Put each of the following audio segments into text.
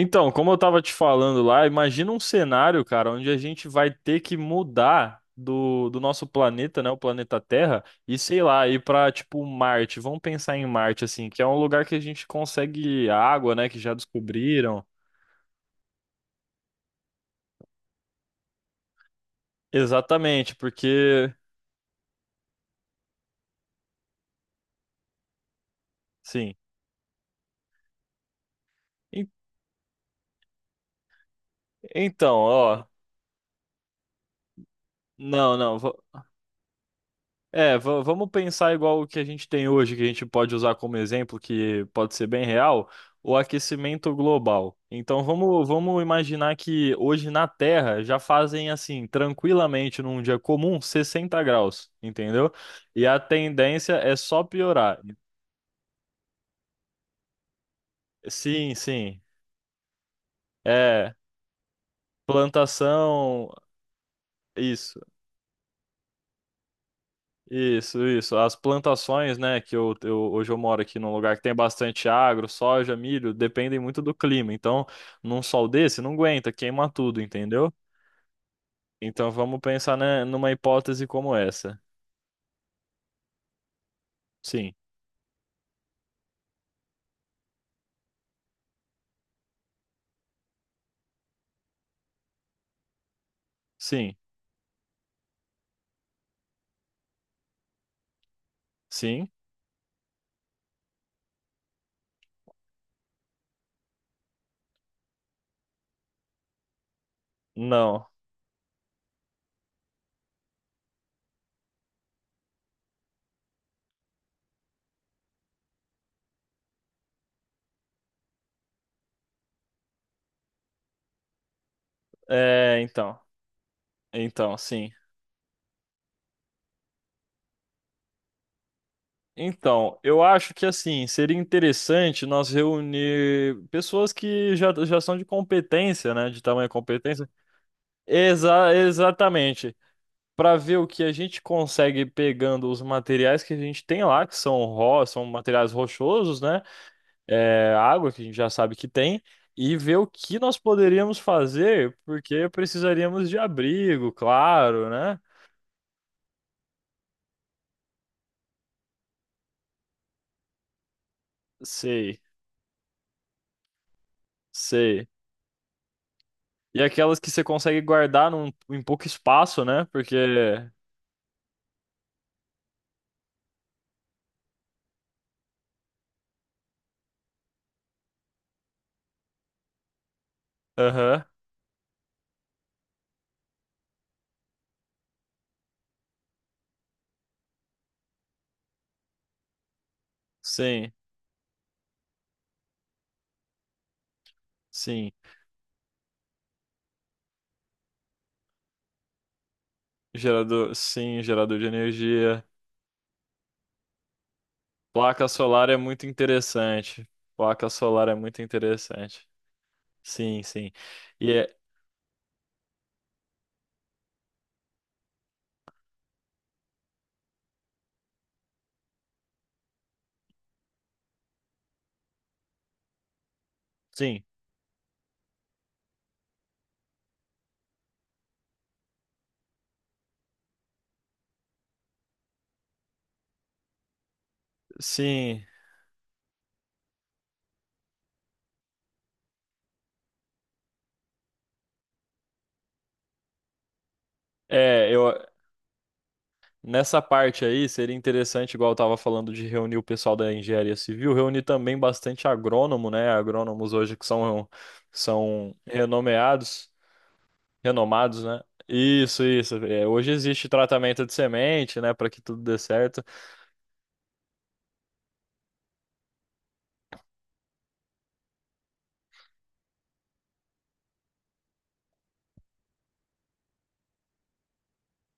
Então, como eu tava te falando lá, imagina um cenário, cara, onde a gente vai ter que mudar do nosso planeta, né, o planeta Terra, e sei lá, ir pra, tipo, Marte. Vamos pensar em Marte, assim, que é um lugar que a gente consegue água, né, que já descobriram. Exatamente, porque, sim. En- Então, ó, não, não. É, vamos pensar igual o que a gente tem hoje, que a gente pode usar como exemplo, que pode ser bem real, o aquecimento global. Então vamos imaginar que hoje na Terra já fazem assim, tranquilamente, num dia comum, 60 graus, entendeu? E a tendência é só piorar. Sim, sim. É, plantação, isso. Isso, isso. As plantações, né, que hoje eu moro aqui num lugar que tem bastante agro, soja, milho, dependem muito do clima. Então, num sol desse, não aguenta, queima tudo, entendeu? Então, vamos pensar, né, numa hipótese como essa. Sim, sim, sim, não. É, então, então, sim. Então, eu acho que assim, seria interessante nós reunir pessoas que já são de competência, né, de tamanha competência. Exatamente. Para ver o que a gente consegue pegando os materiais que a gente tem lá, que são são materiais rochosos, né? É, água que a gente já sabe que tem, e ver o que nós poderíamos fazer, porque precisaríamos de abrigo, claro, né? Sei, sei. E aquelas que você consegue guardar num, em pouco espaço, né? Porque, aham, sim, sim. Gerador, sim, gerador de energia. Placa solar é muito interessante. Placa solar é muito interessante. Sim, sim. E é, sim, sim. É, eu nessa parte aí seria interessante, igual eu tava falando de reunir o pessoal da engenharia civil, reunir também bastante agrônomo, né? Agrônomos hoje que são renomeados, renomados, né? Isso, isso. É, hoje existe tratamento de semente, né, para que tudo dê certo.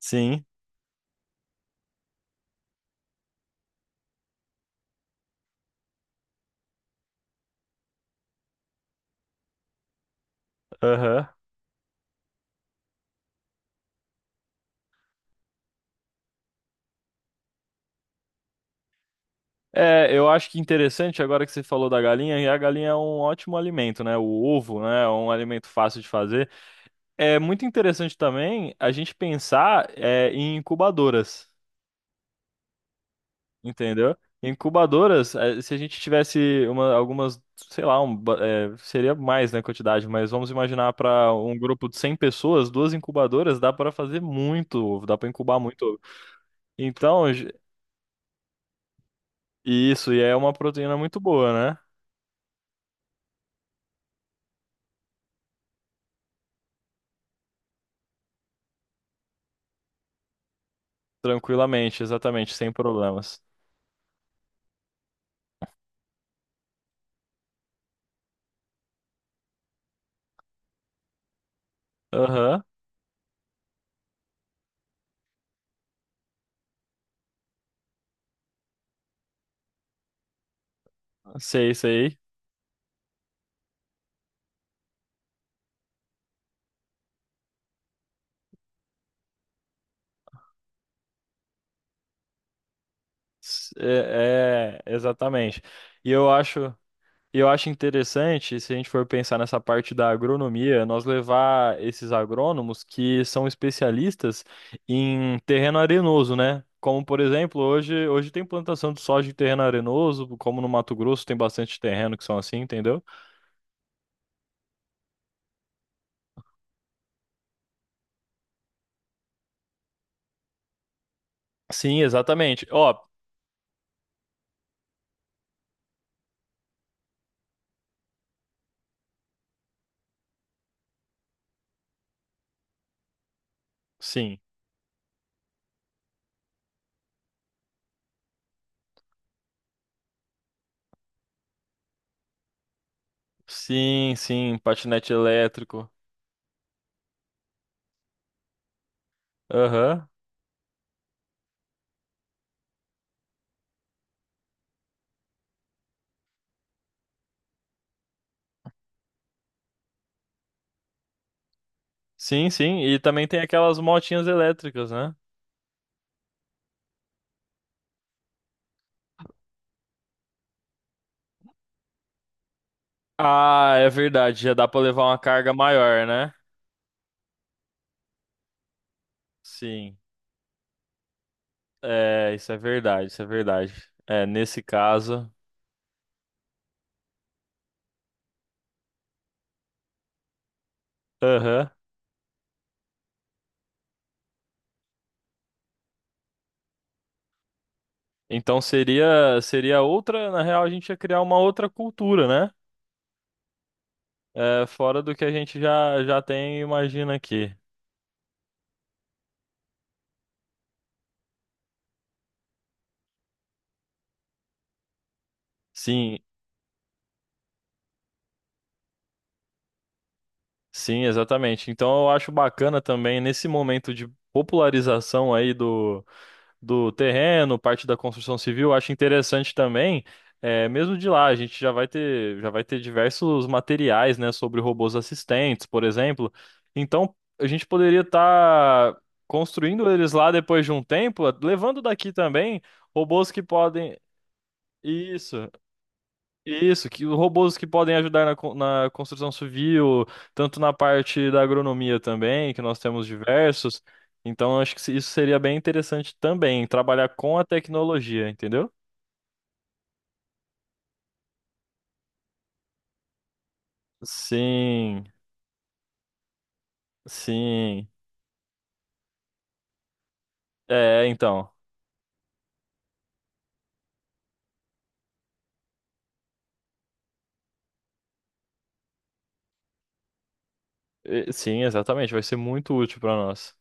Sim. Aham. É, eu acho que interessante agora que você falou da galinha, e a galinha é um ótimo alimento, né? O ovo, né, é um alimento fácil de fazer. É muito interessante também a gente pensar é, em incubadoras, entendeu? Incubadoras, é, se a gente tivesse uma, algumas, sei lá, é, seria mais, né, quantidade, mas vamos imaginar para um grupo de 100 pessoas, duas incubadoras, dá para fazer muito ovo, dá para incubar muito ovo. Então, isso, e é uma proteína muito boa, né? Tranquilamente, exatamente, sem problemas. Aham, sei, sei. É, é, exatamente. E eu acho. E eu acho interessante, se a gente for pensar nessa parte da agronomia, nós levar esses agrônomos que são especialistas em terreno arenoso, né? Como, por exemplo, hoje tem plantação de soja em terreno arenoso, como no Mato Grosso tem bastante terreno que são assim, entendeu? Sim, exatamente. Ó, sim. Sim, sim, patinete elétrico. Aham. Sim, sim. E também tem aquelas motinhas elétricas, né? Ah, é verdade. Já dá pra levar uma carga maior, né? Sim. É, isso é verdade, isso é verdade. É, nesse caso, aham. Então seria outra, na real a gente ia criar uma outra cultura, né? É, fora do que a gente já tem, e imagina aqui. Sim, sim, exatamente. Então eu acho bacana também nesse momento de popularização aí do terreno, parte da construção civil, eu acho interessante também. É, mesmo de lá, a gente já vai ter diversos materiais, né, sobre robôs assistentes, por exemplo. Então, a gente poderia estar construindo eles lá depois de um tempo, levando daqui também robôs que podem. Isso. Isso, que os robôs que podem ajudar na, na construção civil, tanto na parte da agronomia também, que nós temos diversos. Então, acho que isso seria bem interessante também, trabalhar com a tecnologia, entendeu? Sim, sim. É, então. Sim, exatamente, vai ser muito útil para nós.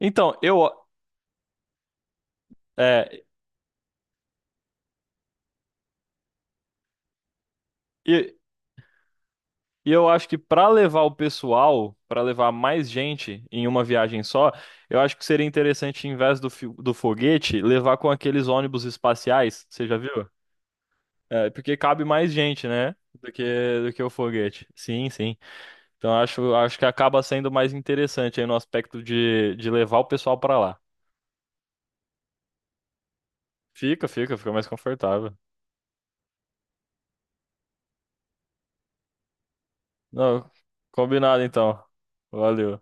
Então, eu, é, e eu acho que para levar o pessoal, para levar mais gente em uma viagem só, eu acho que seria interessante, em vez do foguete, levar com aqueles ônibus espaciais. Você já viu? É, porque cabe mais gente, né? Do que o foguete. Sim, sim. Então acho, acho que acaba sendo mais interessante aí no aspecto de levar o pessoal para lá. Fica, fica, fica mais confortável. Não, combinado então. Valeu.